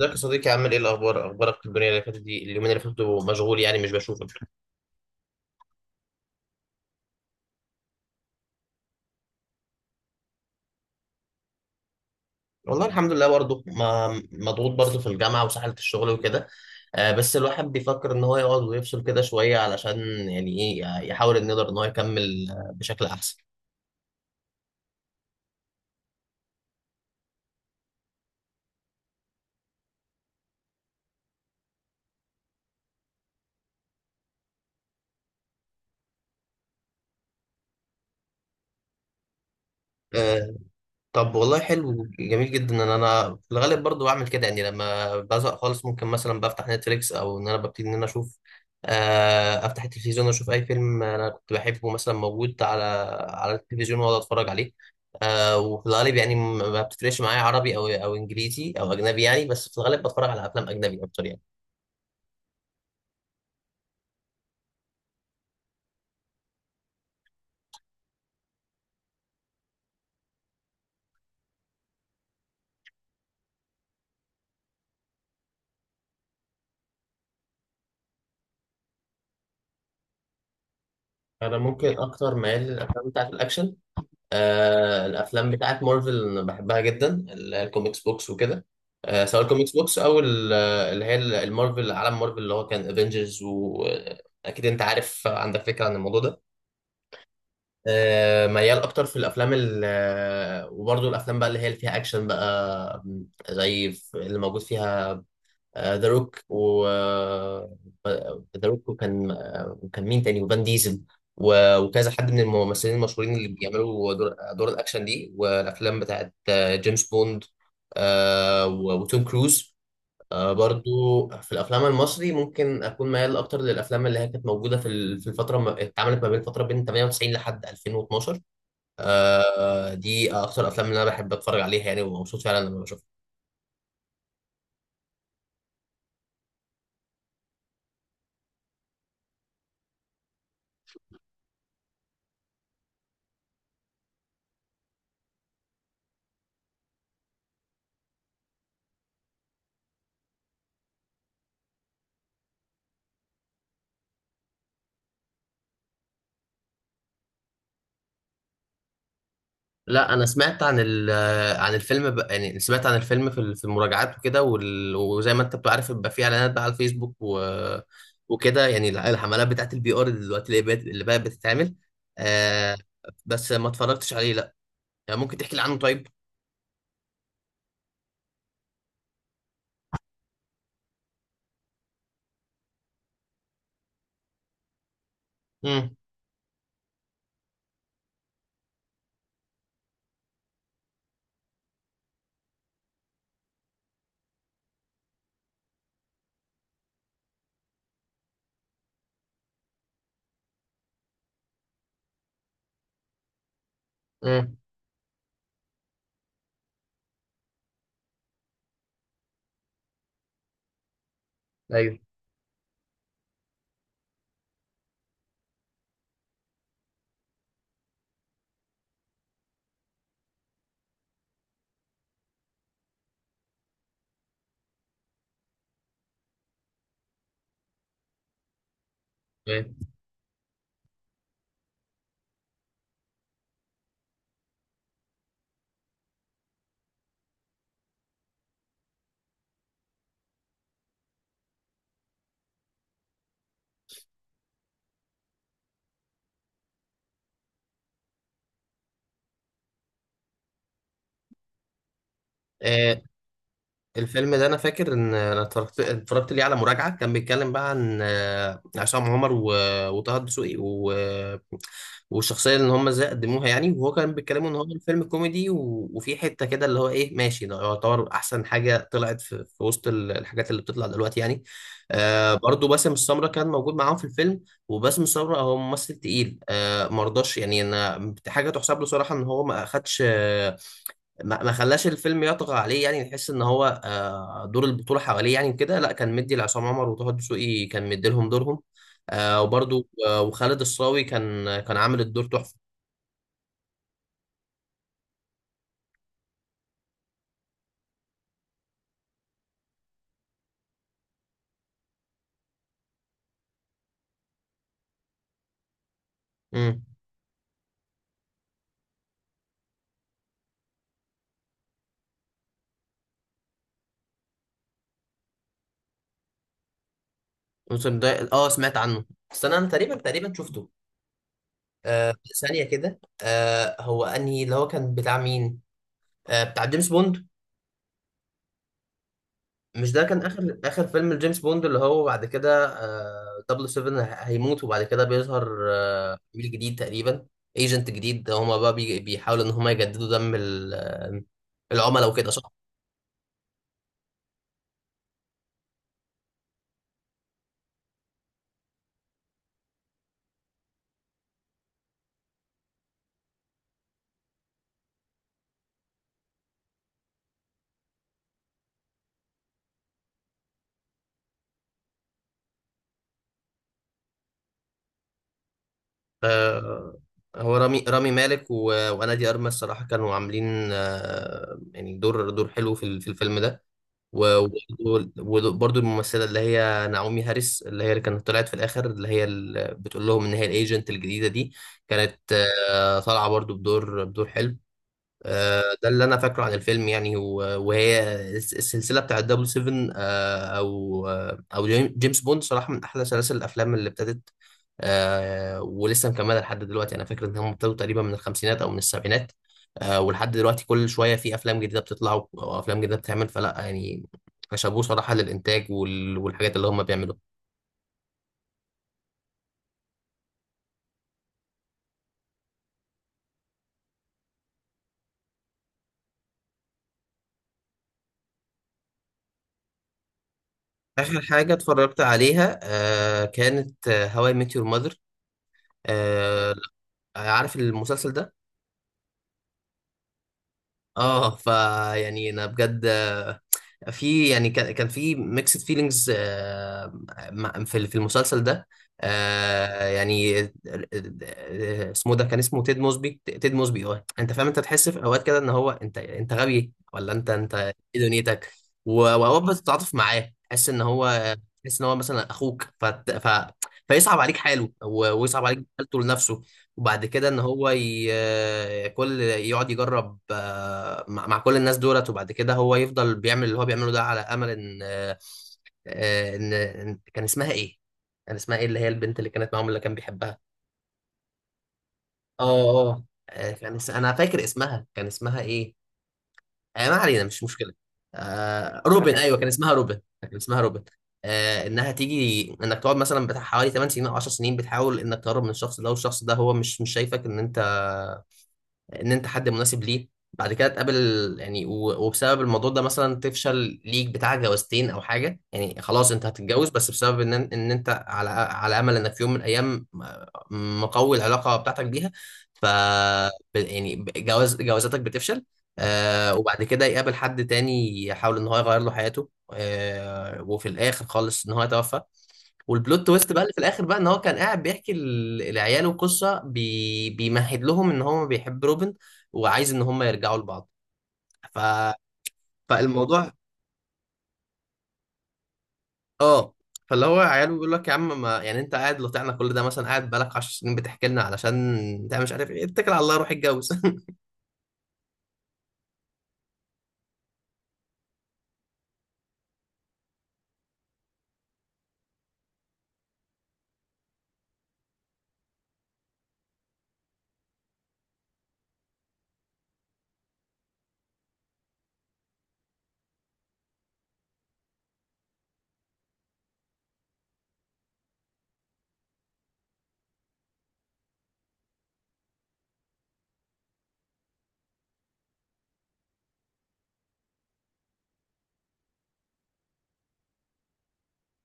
ازيك يا صديقي؟ عامل ايه؟ الاخبار، اخبارك، الدنيا اللي فاتت دي، اليومين اللي فاتوا مشغول يعني مش بشوفك. والله الحمد لله، برضه ما مضغوط برضه في الجامعه وسحله الشغل وكده. آه بس الواحد بيفكر ان هو يقعد ويفصل كده شويه علشان يعني ايه يحاول ان يقدر ان هو يكمل بشكل احسن. آه، طب والله حلو جميل جدا ان انا في الغالب برضو بعمل كده، يعني لما بزهق خالص ممكن مثلا بفتح نتفليكس او ان انا ببتدي ان انا اشوف، افتح التلفزيون واشوف اي فيلم انا كنت بحبه مثلا موجود على على التلفزيون واقعد اتفرج عليه. وفي الغالب يعني ما بتفرقش معايا عربي او انجليزي او اجنبي يعني، بس في الغالب بتفرج على افلام اجنبي اكتر يعني. انا ممكن اكتر ميال للافلام بتاعت الاكشن. آه الافلام بتاعت مارفل أنا بحبها جدا. الكوميكس بوكس وكده. آه سواء الكوميكس بوكس او اللي هي المارفل، عالم مارفل اللي هو كان افنجرز، واكيد انت عارف عندك فكره عن الموضوع ده. آه ميال اكتر في الافلام وبرضه الافلام بقى اللي هي اللي فيها اكشن بقى زي اللي موجود فيها ذا روك ذا روك وكان، وكان مين تاني، وفان ديزل وكذا حد من الممثلين المشهورين اللي بيعملوا دور الاكشن دي، والافلام بتاعت جيمس بوند وتوم كروز. برضو في الافلام المصري ممكن اكون ميال اكتر للافلام اللي هي كانت موجوده في في الفتره اتعملت ما بين فتره بين 98 لحد 2012. دي اكتر الافلام اللي انا بحب اتفرج عليها يعني، ومبسوط فعلا لما بشوفها. لا، انا سمعت عن عن الفيلم، يعني سمعت عن الفيلم في في المراجعات وكده، وزي ما انت بتبقى عارف بيبقى فيه اعلانات بقى على الفيسبوك وكده، يعني الحملات بتاعت البي ار دلوقتي اللي بقت بتتعمل. آه بس ما اتفرجتش عليه، لا. يعني ممكن تحكي لي عنه طيب؟ امم، امم، ايوه، تمام. آه الفيلم ده، انا فاكر ان انا اتفرجت ليه على مراجعة كان بيتكلم بقى عن عصام عمر وطه الدسوقي والشخصيه اللي هم ازاي قدموها يعني، وهو كان بيتكلموا ان هو الفيلم كوميدي، وفي حته كده اللي هو ايه، ماشي ده يعتبر احسن حاجه طلعت في وسط الحاجات اللي بتطلع دلوقتي يعني. آه برضو باسم السمره كان موجود معاهم في الفيلم. وباسم السمره هو ممثل تقيل، آه مرضاش. يعني انا حاجه تحسب له صراحه ان هو ما اخدش، ما خلاش الفيلم يطغى عليه. يعني نحس ان هو دور البطوله حواليه يعني كده، لا كان مدي لعصام عمر وطه دسوقي، كان مدي لهم دورهم. وبرضو وخالد الصاوي كان عامل الدور تحفه. امم. الموسم ده، اه سمعت عنه، بس انا أنا تقريبا شفته. آه، ثانيه كده. هو انهي؟ اللي هو كان بتاع مين؟ بتاع جيمس بوند. مش ده كان اخر فيلم لجيمس بوند، اللي هو بعد كده آه 007 هيموت، وبعد كده بيظهر آه عميل جديد تقريبا، ايجنت جديد. هما بقى بيحاولوا ان هما يجددوا دم العملاء وكده، صح؟ آه هو رامي مالك وانا دي ارمس الصراحه كانوا عاملين يعني دور حلو في في الفيلم ده. وبرده الممثله اللي هي نعومي هاريس، اللي هي اللي كانت طلعت في الاخر، اللي هي اللي بتقول لهم ان هي الايجنت الجديده دي، كانت طالعه برده بدور حلو. ده اللي انا فاكره عن الفيلم يعني، وهي السلسله بتاعت دبل سيفن او جيمس بوند صراحه من احلى سلاسل الافلام اللي ابتدت، ولسه مكمله لحد دلوقتي. انا فاكر ان هم ابتدوا تقريبا من الخمسينات او من السبعينات. ولحد دلوقتي كل شويه في افلام جديده بتطلع، وافلام جديده بتتعمل، فلا يعني شابوه صراحه للانتاج والحاجات اللي هم بيعملوها. اخر حاجه اتفرجت عليها كانت هواي ميت يور ماذر. عارف المسلسل ده؟ اه فا يعني انا بجد، في يعني كان في ميكسد فيلينجز في المسلسل ده. آه، يعني آه، اسمه ده كان اسمه تيد موسبي، تيد موسبي. اه انت فاهم؟ انت تحس في اوقات كده ان هو انت غبي ولا انت ايه دنيتك. واوقات بتتعاطف معاه، تحس ان هو مثلا اخوك، فيصعب عليك حاله ويصعب عليك حالته لنفسه. وبعد كده ان هو كل يقعد يجرب مع كل الناس دولت، وبعد كده هو يفضل بيعمل اللي هو بيعمله ده على امل ان آه، ان كان اسمها ايه؟ اللي هي البنت اللي كانت معاهم اللي كان بيحبها. اه، اه، انا فاكر اسمها، كان اسمها ايه. ما علينا مش مشكله. روبن، ايوه كان اسمها روبن، كان اسمها روبن. انها تيجي انك تقعد مثلا بتاع حوالي 8 سنين او 10 سنين بتحاول انك تقرب من الشخص ده، والشخص ده هو مش شايفك ان انت حد مناسب ليه. بعد كده تقابل يعني، وبسبب الموضوع ده مثلا تفشل ليك بتاع جوازتين او حاجه، يعني خلاص انت هتتجوز بس بسبب ان انت على امل انك في يوم من الايام مقوي العلاقه بتاعتك بيها. ف ب- يعني ب- جوازاتك بتفشل. آه وبعد كده يقابل حد تاني يحاول ان هو يغير له حياته، آه وفي الاخر خالص ان هو يتوفى. والبلوت تويست بقى اللي في الاخر بقى ان هو كان قاعد بيحكي لعياله قصه، بيمهد لهم ان هو بيحب روبن، وعايز ان هم يرجعوا لبعض. ف... فالموضوع، اه، فاللي هو عياله بيقول لك يا عم، ما يعني انت قاعد لطعنا كل ده، مثلا قاعد بقالك 10 سنين بتحكي لنا، علشان انت مش عارف ايه، اتكل على الله روح اتجوز.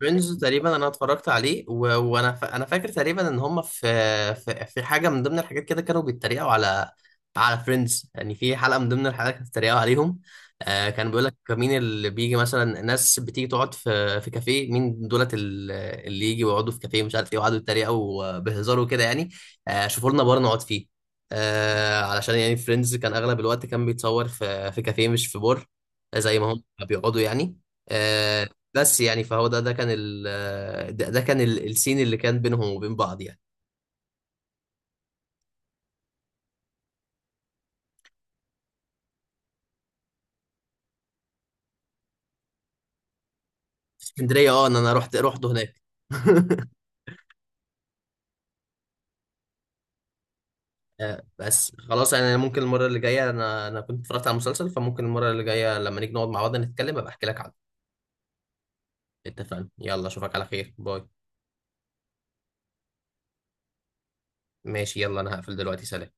فريندز تقريبا انا اتفرجت عليه، انا فاكر تقريبا ان هم في حاجه من ضمن الحاجات كده، كانوا بيتريقوا على فريندز يعني، في حلقه من ضمن الحلقات كانوا بيتريقوا عليهم. آه كان بيقول لك مين اللي بيجي، مثلا ناس بتيجي تقعد في كافيه مين دولت اللي يجي ويقعدوا في كافيه، مش عارف ايه، وقعدوا يتريقوا بهزار وكده يعني. آه شوفوا لنا بار نقعد فيه، آه علشان يعني فريندز كان اغلب الوقت كان بيتصور في كافيه مش في بار، زي ما هم بيقعدوا يعني. آه، بس يعني فهو ده كان السين اللي كان بينهم وبين بعض يعني. في اسكندرية، اه ان انا رحت هناك. بس خلاص يعني. أنا ممكن المرة اللي جاية، انا كنت اتفرجت على المسلسل، فممكن المرة اللي جاية لما نيجي نقعد مع بعض نتكلم ابقى احكي لك عنه. اتفقنا، يلا اشوفك على خير، باي. ماشي يلا، انا هقفل دلوقتي، سلام.